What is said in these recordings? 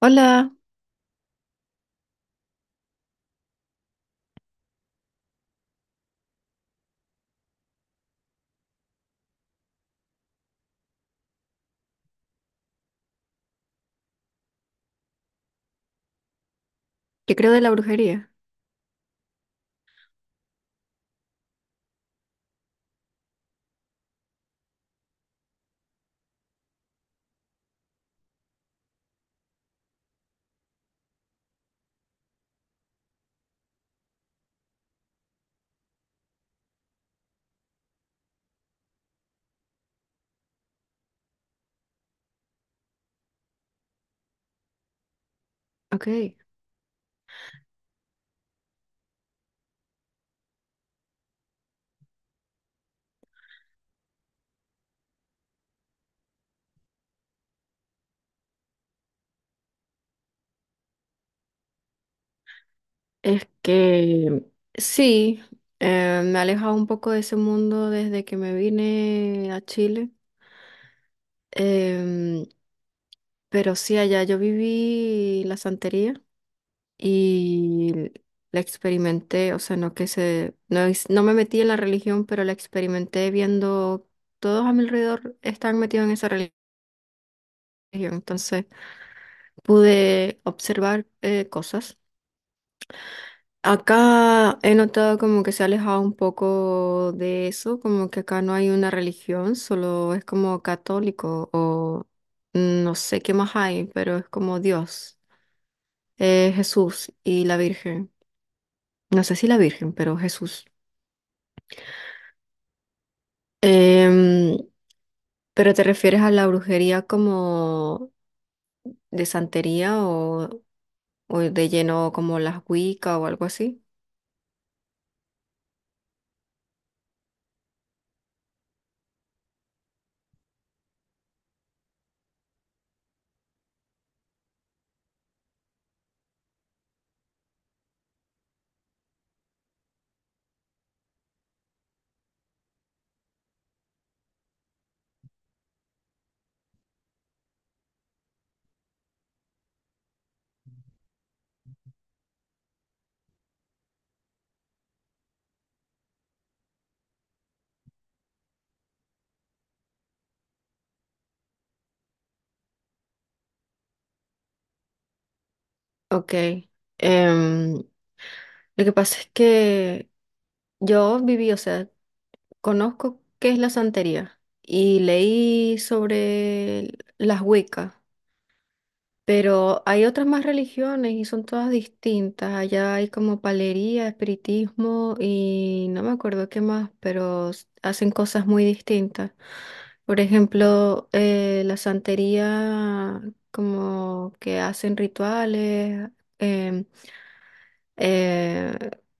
Hola, ¿qué creo de la brujería? Ok, es que sí, me he alejado un poco de ese mundo desde que me vine a Chile. em, pero sí, allá yo viví la santería y la experimenté, o sea, no, no me metí en la religión, pero la experimenté viendo todos a mi alrededor están metidos en esa religión, entonces pude observar cosas. Acá he notado como que se ha alejado un poco de eso, como que acá no hay una religión, solo es como católico o no sé qué más hay, pero es como Dios, Jesús y la Virgen. No sé si la Virgen, pero Jesús. Em, pero te refieres a la brujería como de santería o de lleno como las Wicca o algo así. Ok. Em, lo que pasa es que yo viví, o sea, conozco qué es la santería y leí sobre las Wiccas, pero hay otras más religiones y son todas distintas. Allá hay como palería, espiritismo y no me acuerdo qué más, pero hacen cosas muy distintas. Por ejemplo, la santería, como que hacen rituales, em, eh,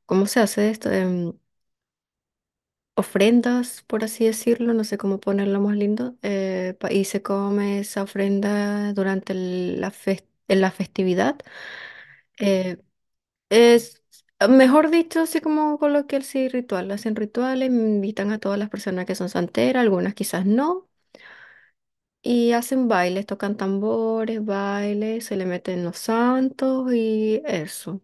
¿cómo se hace esto? Ofrendas, por así decirlo, no sé cómo ponerlo más lindo, y se come esa ofrenda durante en la festividad. Eh, es, mejor dicho, así como coloquial, sí, ritual. Hacen rituales, invitan a todas las personas que son santeras, algunas quizás no. Y hacen bailes, tocan tambores, bailes, se le meten los santos y eso.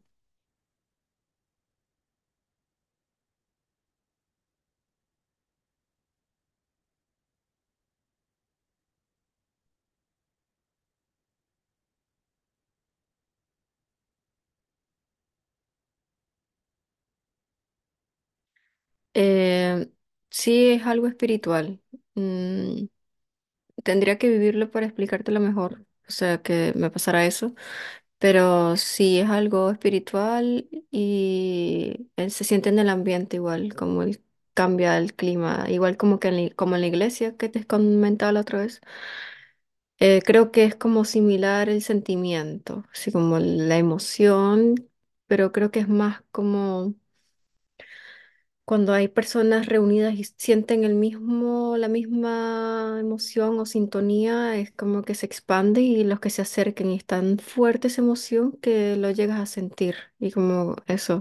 Eh, sí es algo espiritual. Mm. Tendría que vivirlo para explicártelo mejor, o sea, que me pasara eso, pero sí es algo espiritual y él se siente en el ambiente igual, como él cambia el clima, igual como que en como en la iglesia que te comentaba la otra vez. Creo que es como similar el sentimiento, así como la emoción, pero creo que es más como cuando hay personas reunidas y sienten el mismo, la misma emoción o sintonía, es como que se expande y los que se acerquen y es tan fuerte esa emoción que lo llegas a sentir y como eso.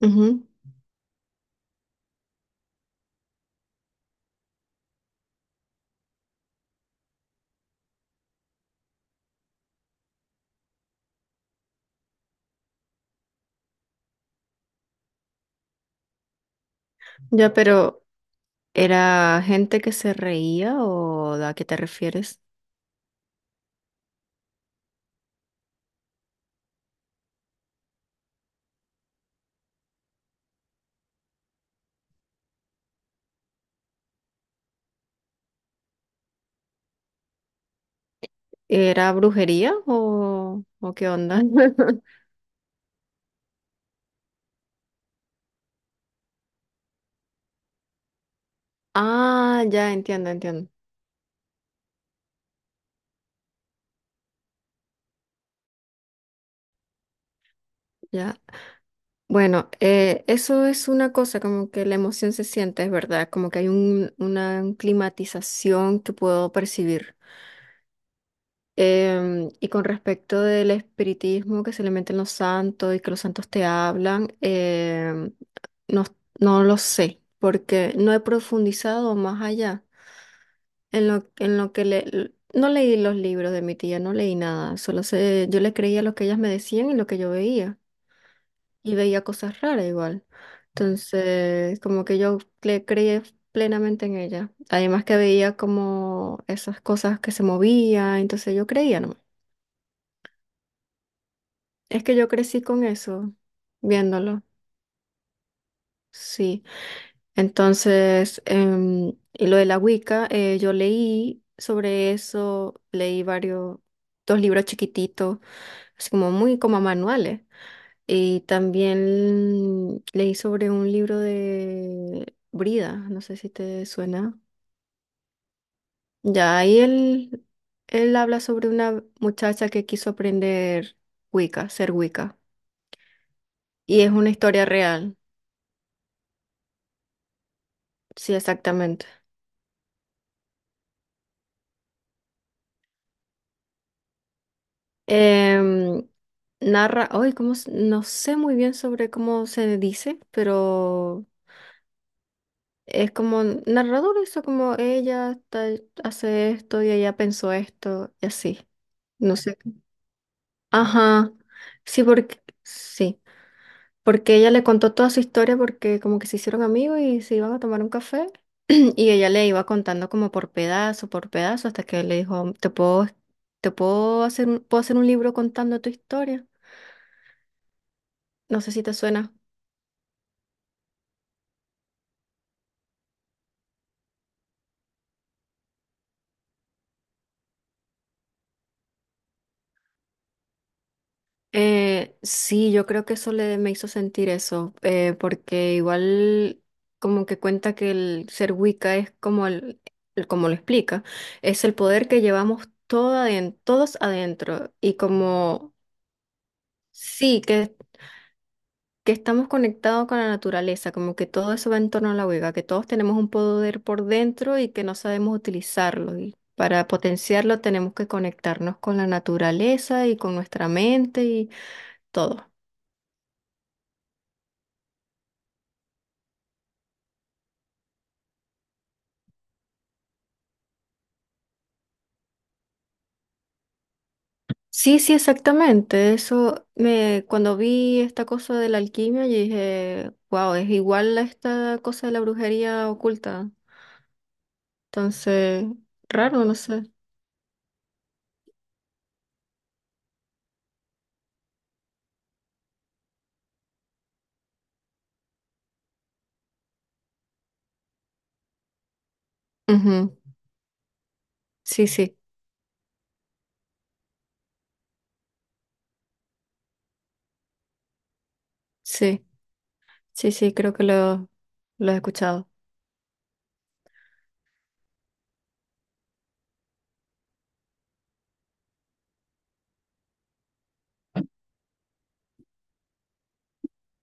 Ujú, ujú. Ya, pero ¿era gente que se reía o a qué te refieres? ¿Era brujería o qué onda? Ah, ya entiendo, entiendo. Ya. Bueno, eso es una cosa, como que la emoción se siente, es verdad, como que hay una climatización que puedo percibir. Y con respecto del espiritismo que se le meten los santos y que los santos te hablan, no, no lo sé, porque no he profundizado más allá en lo que le... No leí los libros de mi tía, no leí nada, solo sé, yo le creía lo que ellas me decían y lo que yo veía y veía cosas raras igual. Entonces, como que yo le creí plenamente en ella. Además que veía como esas cosas que se movían, entonces yo creía, ¿no? Es que yo crecí con eso, viéndolo, sí. Entonces, y lo de la Wicca, yo leí sobre eso, leí varios, dos libros chiquititos, así como muy como manuales. Y también leí sobre un libro de Brida, no sé si te suena. Ya, ahí él habla sobre una muchacha que quiso aprender Wicca, ser Wicca. Y es una historia real, sí, exactamente. Em, narra, hoy, ¿cómo? No sé muy bien sobre cómo se dice, pero es como narrador eso, como hace esto y ella pensó esto y así. No sé. Ajá, sí, porque ella le contó toda su historia porque como que se hicieron amigos y se iban a tomar un café y ella le iba contando como por pedazo, hasta que él le dijo, te puedo hacer, puedo hacer un libro contando tu historia. No sé si te suena. Sí, yo creo que eso me hizo sentir eso, porque igual como que cuenta que el ser Wicca es como, como lo explica, es el poder que llevamos todos adentro y como sí, que estamos conectados con la naturaleza, como que todo eso va en torno a la Wicca, que todos tenemos un poder por dentro y que no sabemos utilizarlo. Y para potenciarlo tenemos que conectarnos con la naturaleza y con nuestra mente y todo. Sí, sí, exactamente. Cuando vi esta cosa de la alquimia, yo dije, wow, es igual a esta cosa de la brujería oculta. Entonces, raro, no sé. Ujú. Sí, sí, sí, sí, sí, creo que lo he escuchado.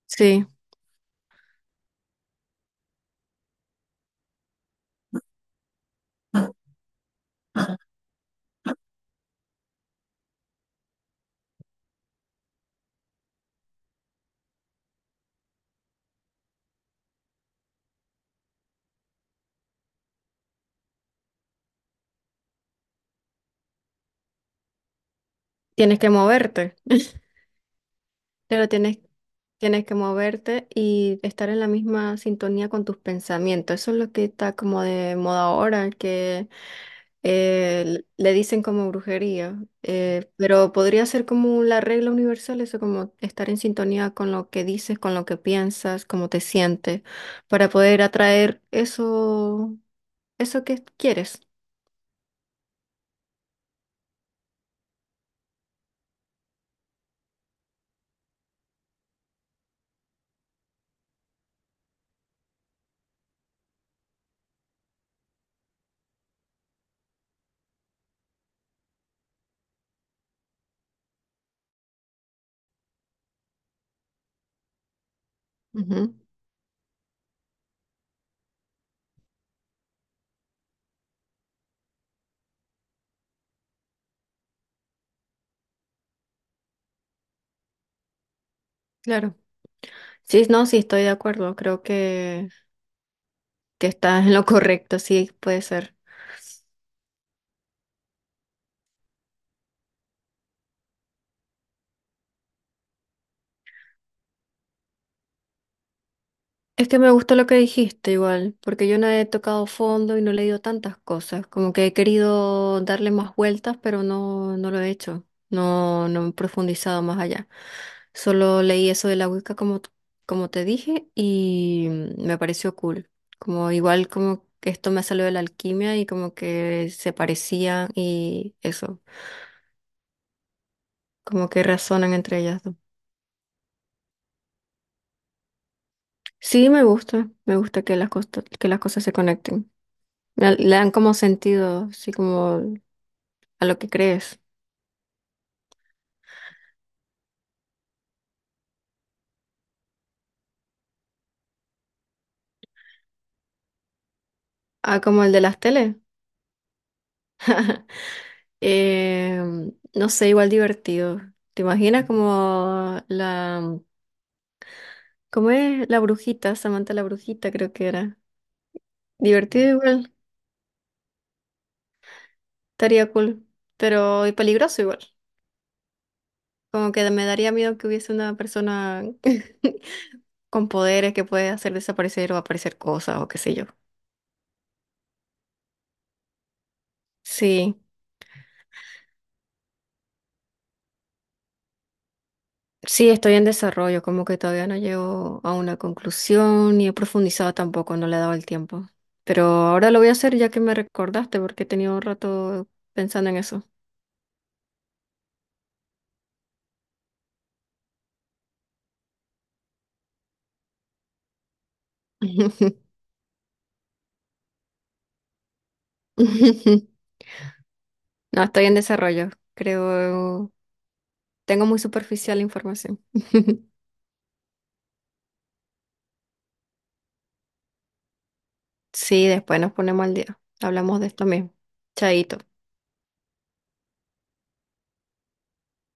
Sí, tienes que moverte. Claro, tienes que moverte y estar en la misma sintonía con tus pensamientos. Eso es lo que está como de moda ahora, que le dicen como brujería, pero podría ser como la regla universal, eso como estar en sintonía con lo que dices, con lo que piensas, cómo te sientes, para poder atraer eso, eso que quieres. Ujú, claro. Sí, no, sí, estoy de acuerdo, que estás en lo correcto, sí, puede ser. Es que me gustó lo que dijiste igual, porque yo no he tocado fondo y no he leído tantas cosas, como que he querido darle más vueltas, pero no, no lo he hecho, no, no he profundizado más allá. Solo leí eso de la Wicca como, como te dije y me pareció cool, como igual como que esto me salió de la alquimia y como que se parecían y eso, como que razonan entre ellas dos. Sí, me gusta que que las cosas se conecten. Le dan como sentido, así como a lo que crees. Ah, como el de las teles. Eh, no sé, igual divertido. ¿Te imaginas como la... ¿Cómo es? La brujita, Samantha la brujita creo que era. Divertido igual, estaría cool, pero y peligroso igual. Como que me daría miedo que hubiese una persona con poderes que puede hacer desaparecer o aparecer cosas o qué sé yo. Sí. Sí, estoy en desarrollo, como que todavía no llego a una conclusión ni he profundizado tampoco, no le he dado el tiempo. Pero ahora lo voy a hacer ya que me recordaste, porque he tenido un rato pensando en eso. No, estoy en desarrollo, creo. Tengo muy superficial la información. Sí, después nos ponemos al día. Hablamos de esto mismo. Chaito.